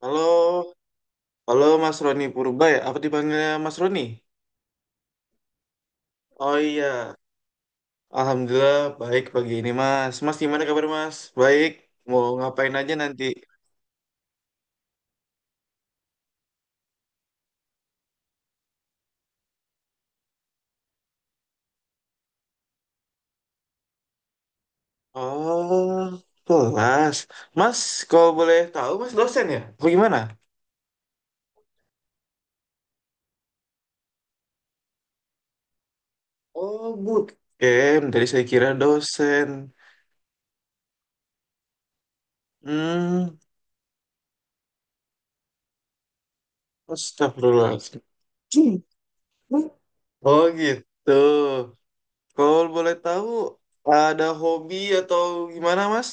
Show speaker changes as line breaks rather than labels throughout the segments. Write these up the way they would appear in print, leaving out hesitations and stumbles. Halo, halo Mas Roni Purba ya? Apa dipanggilnya Mas Roni? Oh iya, alhamdulillah baik pagi ini Mas. Mas gimana kabar Mas? Baik, mau ngapain aja nanti? Oh, kelas. Mas, kalau boleh tahu Mas dosen ya? Apa gimana? Oh, bootcamp. Dari saya kira dosen. Hmm, astagfirullahaladzim. Oh gitu. Kalau boleh tahu, ada hobi atau gimana Mas?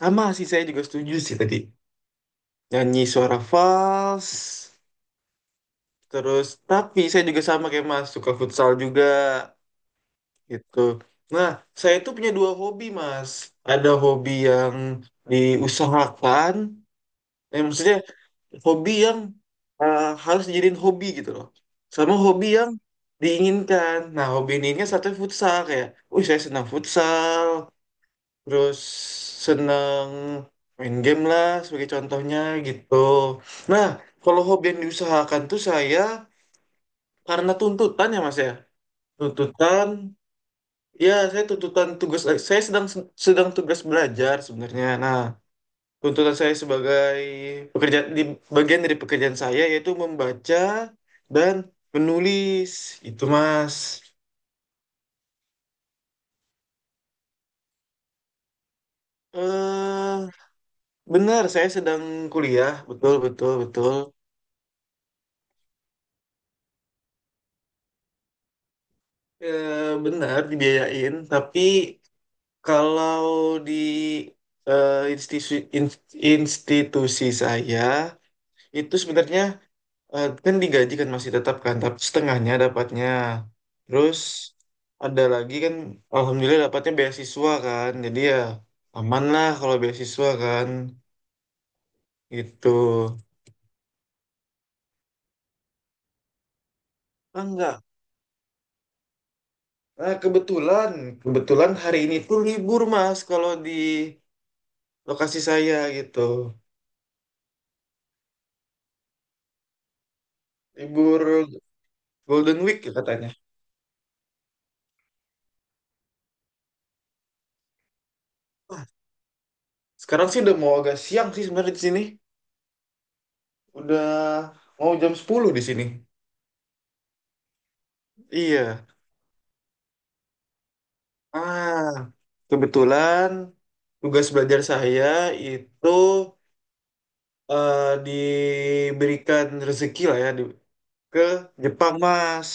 Sama sih saya juga setuju sih tadi. Nyanyi suara fals, terus tapi saya juga sama kayak Mas, suka futsal juga gitu. Nah, saya itu punya dua hobi Mas. Ada hobi yang diusahakan, eh, maksudnya hobi yang eh, harus dijadiin hobi gitu loh. Sama hobi yang diinginkan. Nah, hobi yang diinginkan satu futsal kayak, saya senang futsal, terus seneng main game lah sebagai contohnya gitu. Nah, kalau hobi yang diusahakan tuh saya karena tuntutan ya Mas ya. Tuntutan, ya saya tuntutan tugas saya sedang sedang tugas belajar sebenarnya. Nah, tuntutan saya sebagai pekerja di bagian dari pekerjaan saya yaitu membaca dan menulis. Itu Mas. Eh, benar saya sedang kuliah, betul betul betul. Eh, benar dibiayain, tapi kalau di eh, institusi institusi saya itu sebenarnya eh, kan digaji kan masih tetap kan, tapi setengahnya dapatnya. Terus ada lagi kan, alhamdulillah dapatnya beasiswa kan, jadi ya aman lah kalau beasiswa kan, gitu. Ah, enggak. Nah, kebetulan, kebetulan hari ini tuh libur Mas kalau di lokasi saya gitu libur Golden Week ya katanya. Sekarang sih udah mau agak siang sih sebenarnya di sini. Udah mau jam 10 di sini. Iya. Ah, kebetulan tugas belajar saya itu eh, diberikan rezeki lah ya ke Jepang, Mas.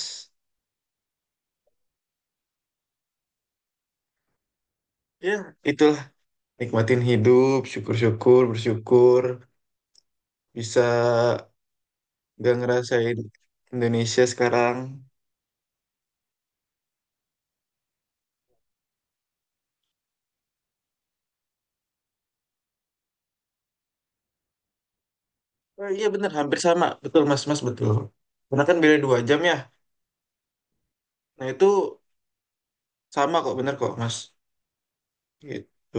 Ya, itulah nikmatin hidup, syukur-syukur, bersyukur bisa gak ngerasain Indonesia sekarang. Eh, iya bener, hampir sama. Betul, Mas, Mas, betul. Karena kan beda 2 jam ya. Nah itu sama kok bener kok Mas. Gitu.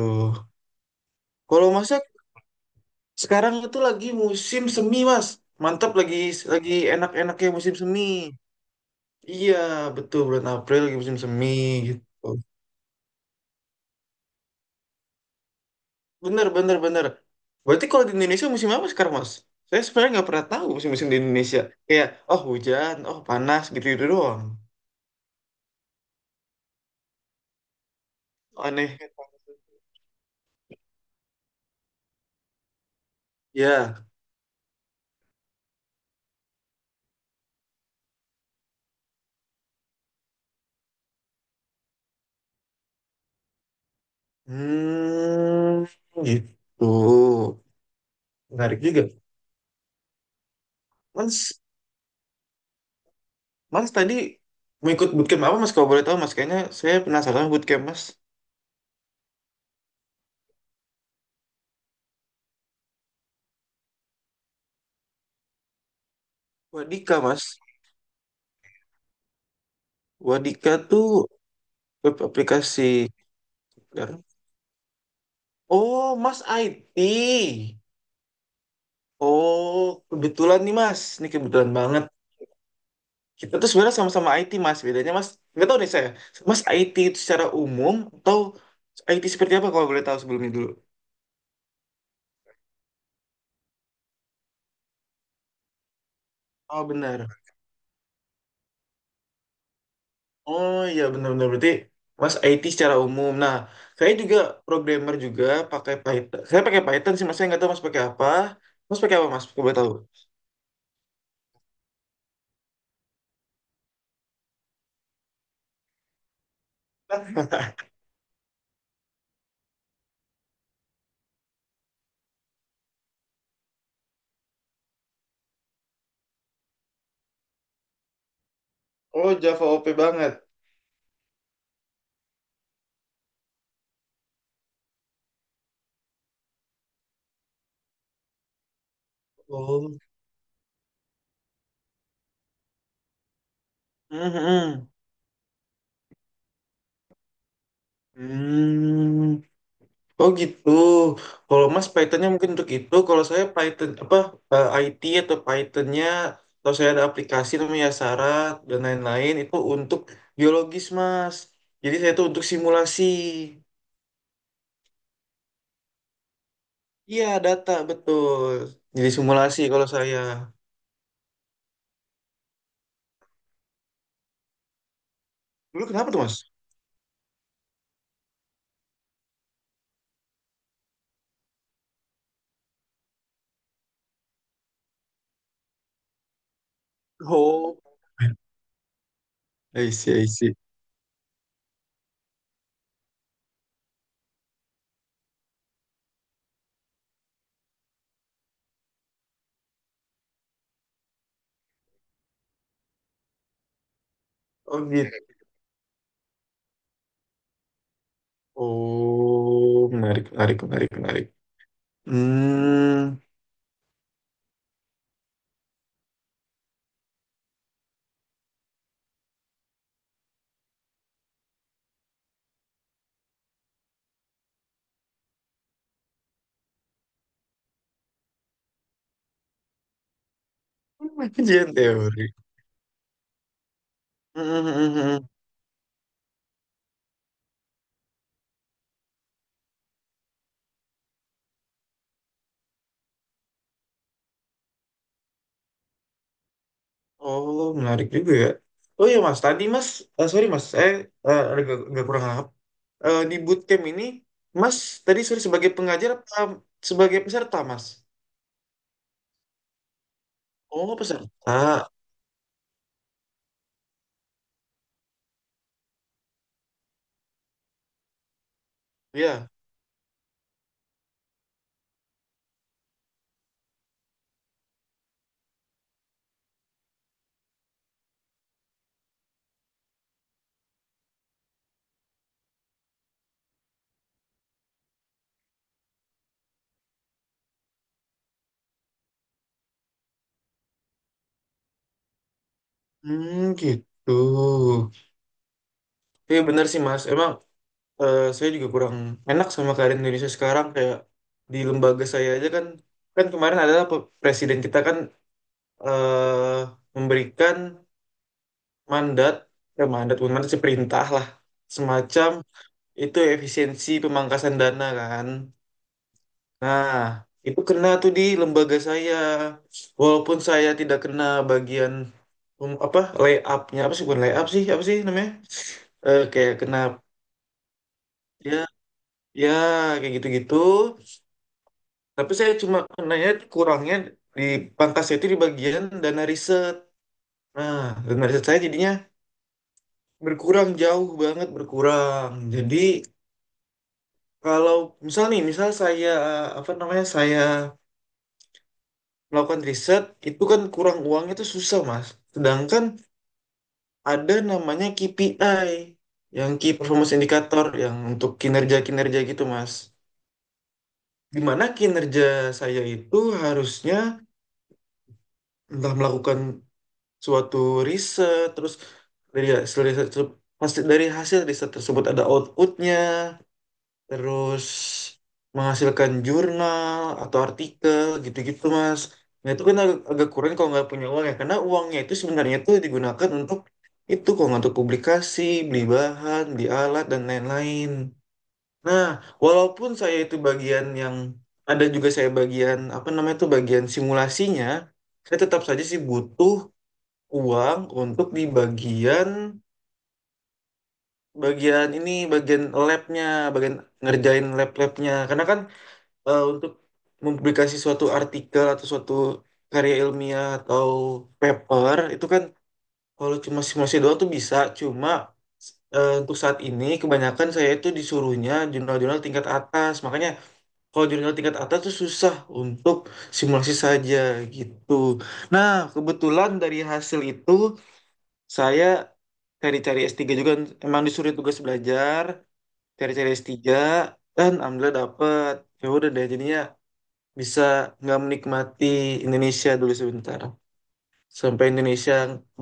Kalau Masnya sekarang itu lagi musim semi Mas. Mantap lagi enak-enaknya musim semi. Iya betul bulan April lagi musim semi gitu. Bener bener bener. Berarti kalau di Indonesia musim apa sekarang Mas? Saya sebenarnya nggak pernah tahu musim-musim di Indonesia. Kayak oh hujan, oh panas gitu-gitu doang. Aneh. Ya. Hmm, gitu. Menarik juga. Mas, Mas tadi mau ikut bootcamp apa Mas kalau boleh tahu Mas? Kayaknya saya penasaran sama bootcamp Mas. Wadika Mas. Wadika tuh web aplikasi. Oh Mas IT. Oh kebetulan nih Mas. Ini kebetulan banget. Kita tuh sebenarnya sama-sama IT Mas. Bedanya Mas nggak tahu nih saya. Mas IT itu secara umum atau IT seperti apa kalau boleh tahu sebelumnya dulu? Oh benar. Oh iya benar-benar berarti Mas IT secara umum. Nah, saya juga programmer juga pakai Python. Saya pakai Python sih, Mas. Saya nggak tahu Mas pakai apa. Mas pakai apa, Mas? Coba tahu. Oh, Java OP banget. Oh. Mhm. Hmm. Oh gitu. Kalau Mas Pythonnya mungkin untuk itu. Kalau saya Python apa eh, IT atau Pythonnya atau saya ada aplikasi namanya Syarat dan lain-lain itu untuk biologis Mas. Jadi saya itu untuk simulasi. Iya, data betul. Jadi simulasi kalau saya. Dulu kenapa tuh, Mas? Oh, I see, I see. Oh gitu. Oh, menarik, menarik, menarik, menarik. Hmm, kajian teori. Hmm, hmm, hmm, hmm. Oh, menarik juga ya. Oh iya, Mas. Tadi, Mas, eh, sorry, Mas, saya eh, agak, agak kurang paham. Eh, di bootcamp ini, Mas, tadi sorry sebagai pengajar apa sebagai peserta, Mas? Oh, peserta. Ya. Hmm, gitu. Iya benar sih Mas. Emang eh, saya juga kurang enak sama keadaan Indonesia sekarang kayak di lembaga saya aja kan kan kemarin adalah presiden kita kan eh, memberikan mandat eh, mandat bukan mandat sih perintah lah semacam itu efisiensi pemangkasan dana kan. Nah, itu kena tuh di lembaga saya walaupun saya tidak kena bagian apa layupnya apa sih bukan layup sih apa sih namanya. Eh, kayak kena ya. Ya, kayak gitu-gitu. Tapi saya cuma kenanya kurangnya di pangkasnya itu di bagian dana riset. Nah, dana riset saya jadinya berkurang jauh banget berkurang. Jadi kalau misal nih, misal saya apa namanya saya melakukan riset itu kan kurang uangnya itu susah, Mas. Sedangkan ada namanya KPI yang Key Performance Indicator yang untuk kinerja-kinerja gitu, Mas. Di mana kinerja saya itu harusnya entah melakukan suatu riset terus dari hasil riset hasil dari hasil riset tersebut ada outputnya terus menghasilkan jurnal atau artikel gitu-gitu mas. Nah itu kan agak, agak kurang kalau nggak punya uang ya karena uangnya itu sebenarnya itu digunakan untuk itu kalau untuk publikasi beli bahan beli alat dan lain-lain. Nah walaupun saya itu bagian yang ada juga saya bagian apa namanya itu bagian simulasinya saya tetap saja sih butuh uang untuk di bagian bagian ini bagian labnya bagian ngerjain lab-labnya karena kan eh, untuk mempublikasi suatu artikel atau suatu karya ilmiah atau paper itu kan kalau cuma simulasi doang tuh bisa cuma eh, untuk saat ini kebanyakan saya itu disuruhnya jurnal-jurnal tingkat atas makanya kalau jurnal tingkat atas tuh susah untuk simulasi saja gitu. Nah kebetulan dari hasil itu saya cari-cari S3 juga emang disuruh tugas belajar cari-cari S3 dan alhamdulillah dapet ya udah deh jadinya bisa nggak menikmati Indonesia dulu sebentar sampai Indonesia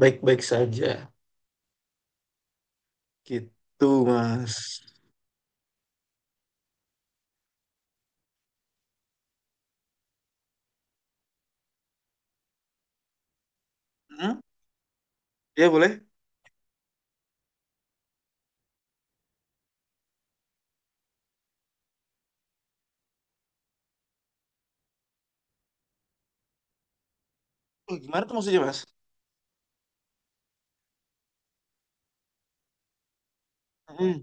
baik-baik saja gitu mas. Hmm? Ya boleh. Oh, gimana tuh maksudnya mas? Hmm.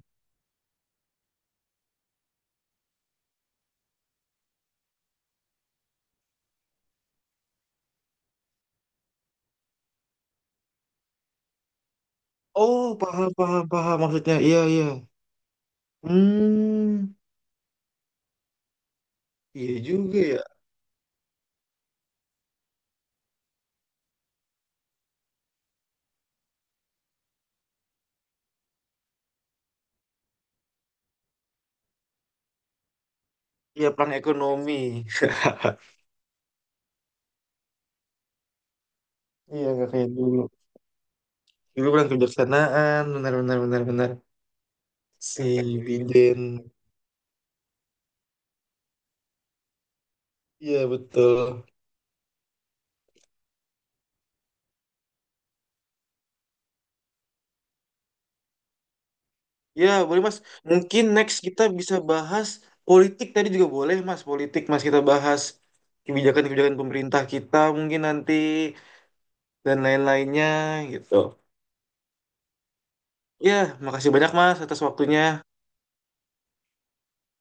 Oh paham paham paham maksudnya iya iya. Hmm, iya juga ya. Iya perang ekonomi. Iya nggak kayak dulu. Dulu perang kebijaksanaan benar benar benar benar si Biden. Iya betul. Ya boleh mas. Mungkin next kita bisa bahas politik tadi juga boleh mas. Politik mas kita bahas kebijakan-kebijakan pemerintah kita mungkin nanti dan lain-lainnya gitu. Ya makasih banyak mas atas waktunya.